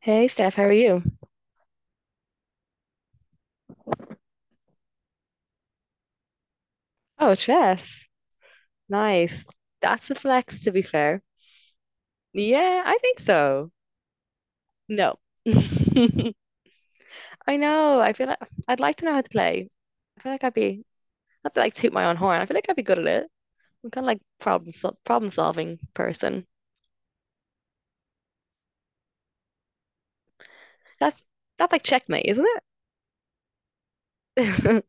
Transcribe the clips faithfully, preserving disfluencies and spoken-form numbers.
Hey Steph, how are you? Oh, chess. Nice. That's a flex, to be fair. Yeah, I think so. No. I know. I feel like I'd like to know how to play. I feel like I'd be, not to like toot my own horn, I feel like I'd be good at it. I'm kind of like problem sol problem solving person. That's that's like checkmate, isn't it?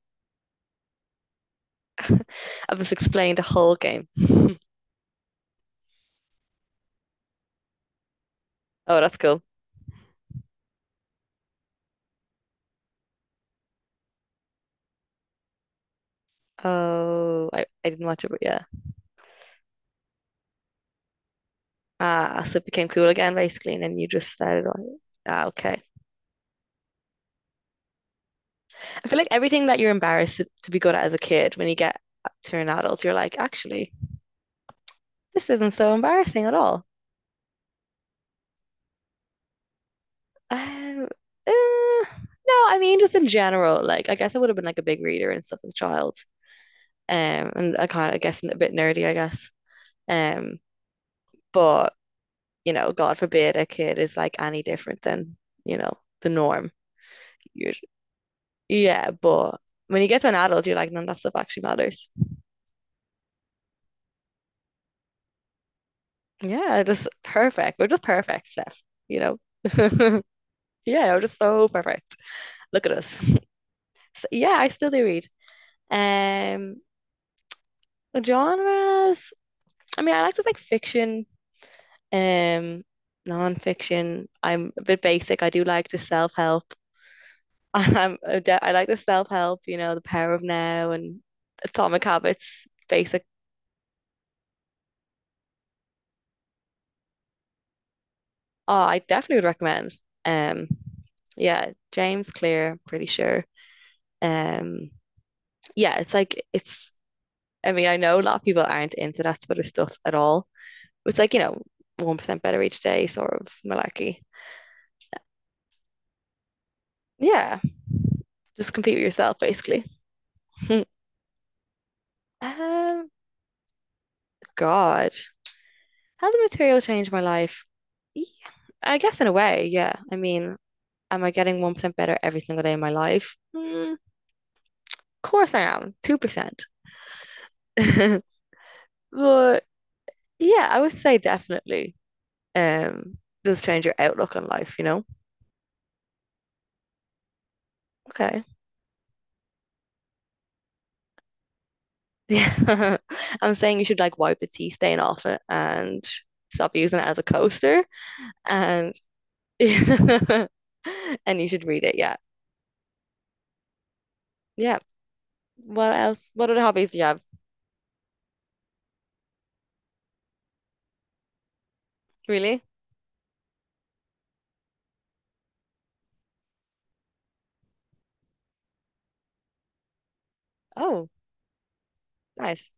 I've just explained the whole game. Oh, that's cool. Oh, I, I didn't watch it, but yeah. Ah, so it became cool again, basically, and then you just started on it. Ah, okay. I feel like everything that you're embarrassed to be good at as a kid, when you get to an adult, you're like, actually, this isn't so embarrassing at all. Um, uh, no, I mean, just in general, like, I guess I would have been like a big reader and stuff as a child. Um, and I kind of, I guess, a bit nerdy, I guess. Um, but, you know, God forbid a kid is like any different than, you know, the norm. You're, yeah, but when you get to an adult, you're like, none of that stuff actually matters. Yeah, just perfect. We're just perfect, Steph, you know. Yeah, I are just so perfect. Look at us. So, yeah, I still do read. Um, Genres. I mean, I like to like fiction, um, non-fiction. I'm a bit basic. I do like the self-help. I'm a de- I like the self-help. You know, The Power of Now and Atomic Habits. Basic. Oh, I definitely would recommend. Um, yeah, James Clear. Pretty sure. Um, yeah, it's like it's. I mean, I know a lot of people aren't into that sort of stuff at all. It's like, you know, one percent better each day sort of malarkey. Yeah, just compete with yourself basically. um, God, has the material changed my life? Yeah, I guess in a way, yeah. I mean, am I getting one percent better every single day of my life? Mm, of course I am, two percent. But yeah, I would say definitely um does change your outlook on life, you know? Okay. Yeah. I'm saying you should like wipe the tea stain off it and stop using it as a coaster. And and you should read it. Yeah. Yeah. What else? What other hobbies do you have? Really? Oh, nice.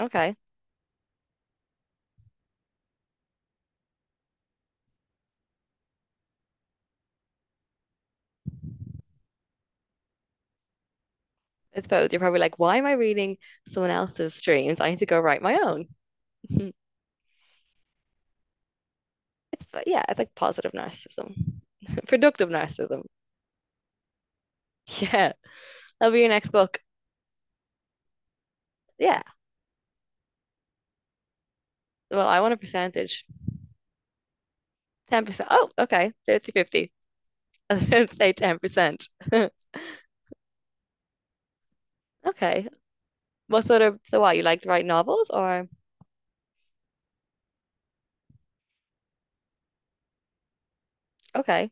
Okay. I suppose you're probably like, why am I reading someone else's dreams? I need to go write my own. It's But yeah, it's like positive narcissism, productive narcissism. Yeah, that'll be your next book. Yeah. Well, I want a percentage. ten percent. Oh, okay. fifty fifty. I'd say ten percent. Okay. What sort of, so what, you like to write novels, or okay.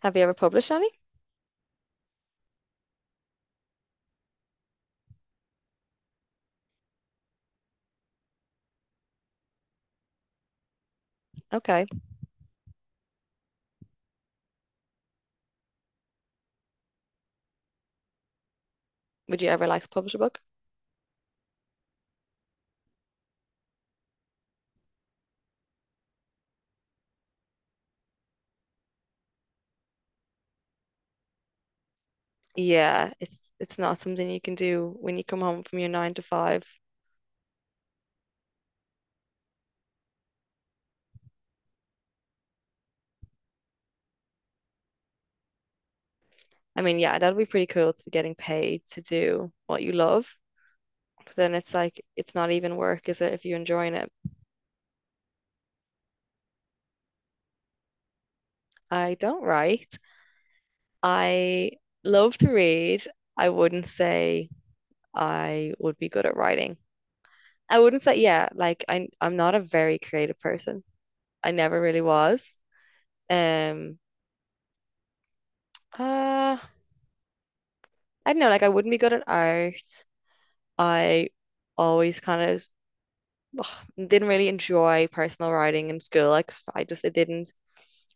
Have you ever published any? Okay. Would you ever like publish a book? Yeah, it's it's not something you can do when you come home from your nine to five. I mean, yeah, that'd be pretty cool to be getting paid to do what you love. But then it's like it's not even work, is it, if you're enjoying it? I don't write. I love to read. I wouldn't say I would be good at writing. I wouldn't say, yeah, like I I'm not a very creative person. I never really was. Um, uh, I don't know, like I wouldn't be good at art. I always kind of didn't really enjoy personal riding in school. Like I just it didn't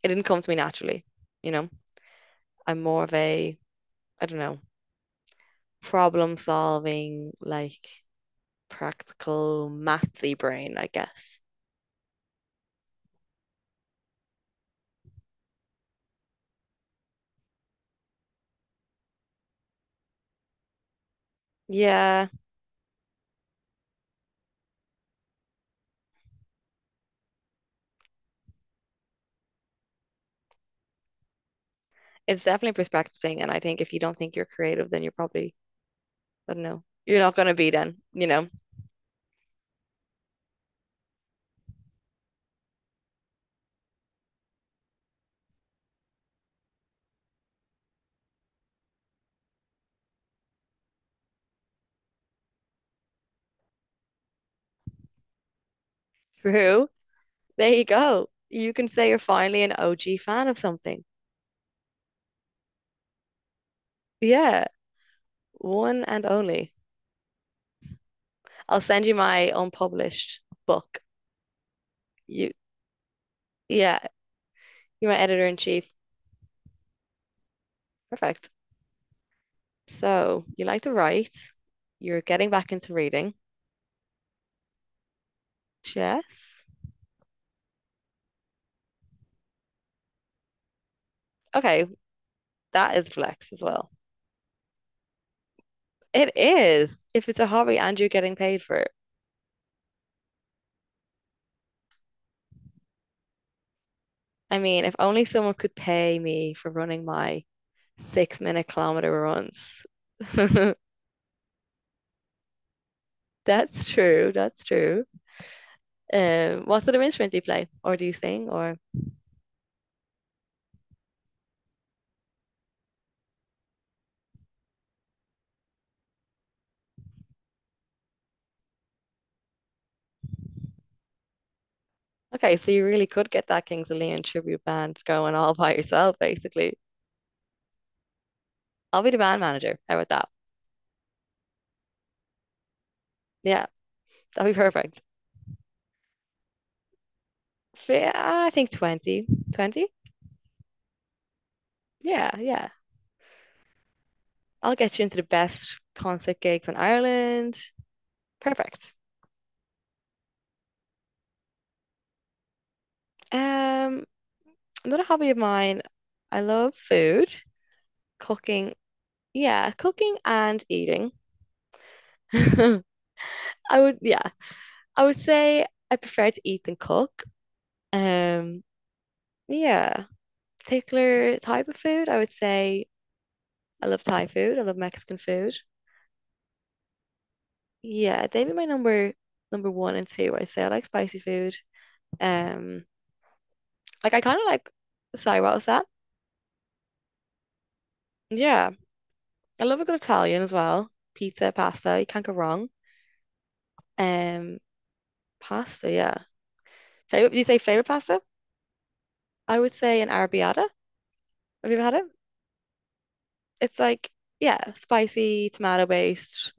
it didn't come to me naturally, you know. I'm more of a, I don't know, problem solving, like practical mathy brain, I guess. Yeah, it's definitely a perspective thing, and I think if you don't think you're creative, then you're probably, I don't know, you're not gonna be then, you know. True. There you go. You can say you're finally an O G fan of something. Yeah, one and only. I'll send you my unpublished book. You, yeah, you're my editor in chief. Perfect. So you like to write. You're getting back into reading. Chess. Okay, that is flex as well. It is. If it's a hobby and you're getting paid for it. I mean, if only someone could pay me for running my six minute kilometer runs. That's true. That's true. Um, what sort of instrument do you play? Or do you sing? Or okay, so you really could get that Kings of Leon tribute band going all by yourself, basically. I'll be the band manager. How about that? Yeah, that'll be perfect. Fi- I think twenty. twenty? Yeah, yeah. I'll get you into the best concert gigs in Ireland. Perfect. Um, Another hobby of mine, I love food, cooking. Yeah, cooking and eating. I would, yeah, I would say I prefer to eat than cook. Um, yeah, particular type of food, I would say I love Thai food. I love Mexican food. Yeah, they'd be my number number one and two. I'd say I like spicy food. Um, like I kind of like. Sorry, what was that? Yeah, I love a good Italian as well. Pizza, pasta, you can't go wrong. Um, Pasta, yeah. Favorite? Do you say favorite pasta? I would say an arrabbiata. Have you ever had it? It's like, yeah, spicy, tomato based.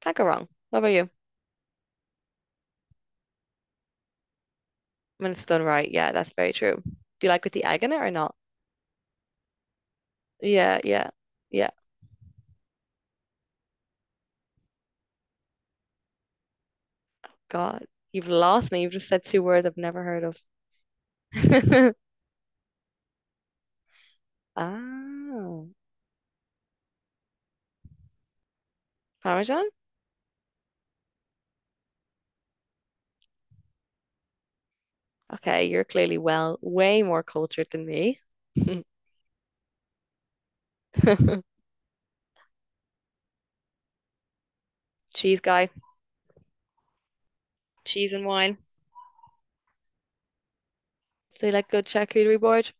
Can't go wrong. What about you? When it's done right, yeah, that's very true. Do you like with the egg in it or not? Yeah, yeah, yeah. God, you've lost me. You've just said two words I've never heard of. Oh, Parmesan? Okay, you're clearly, well, way more cultured than me. Cheese guy, cheese and wine. So you like good charcuterie board?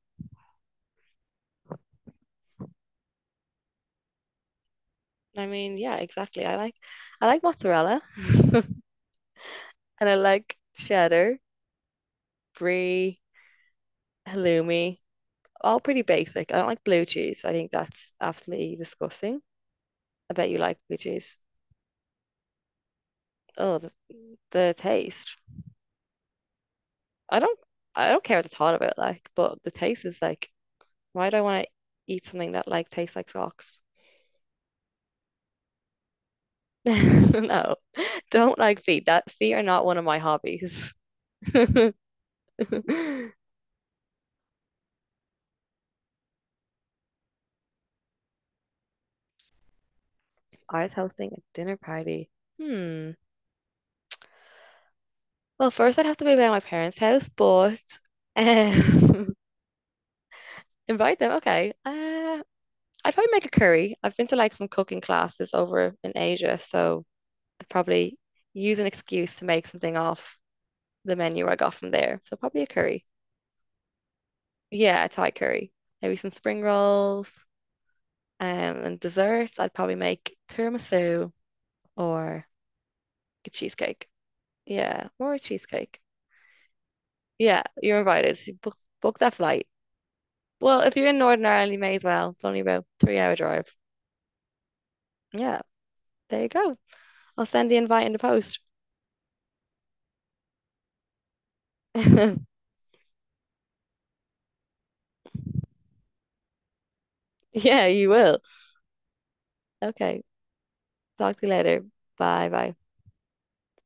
I mean, yeah, exactly. I like, I like mozzarella, and I like cheddar, brie, halloumi. All pretty basic. I don't like blue cheese. I think that's absolutely disgusting. I bet you like blue cheese. Oh, the, the taste. I don't I don't care the thought of it like, but the taste is like, why do I want to eat something that like tastes like socks? No, don't like feet. That feet are not one of my hobbies. If I was hosting a dinner party. Hmm. Well, first I'd have to be by my parents' house, but um, invite them. Okay. Uh, I'd probably make a curry. I've been to like some cooking classes over in Asia, so I'd probably use an excuse to make something off the menu I got from there. So probably a curry. Yeah, Thai curry. Maybe some spring rolls. Um, and desserts, I'd probably make tiramisu or a cheesecake. Yeah, more a cheesecake. Yeah, you're invited. You Book, book that flight. Well, if you're in Northern Ireland, you may as well. It's only about three hour drive. Yeah, there you go. I'll send the invite in the post. Yeah, you will. Okay, talk to you later. Bye bye.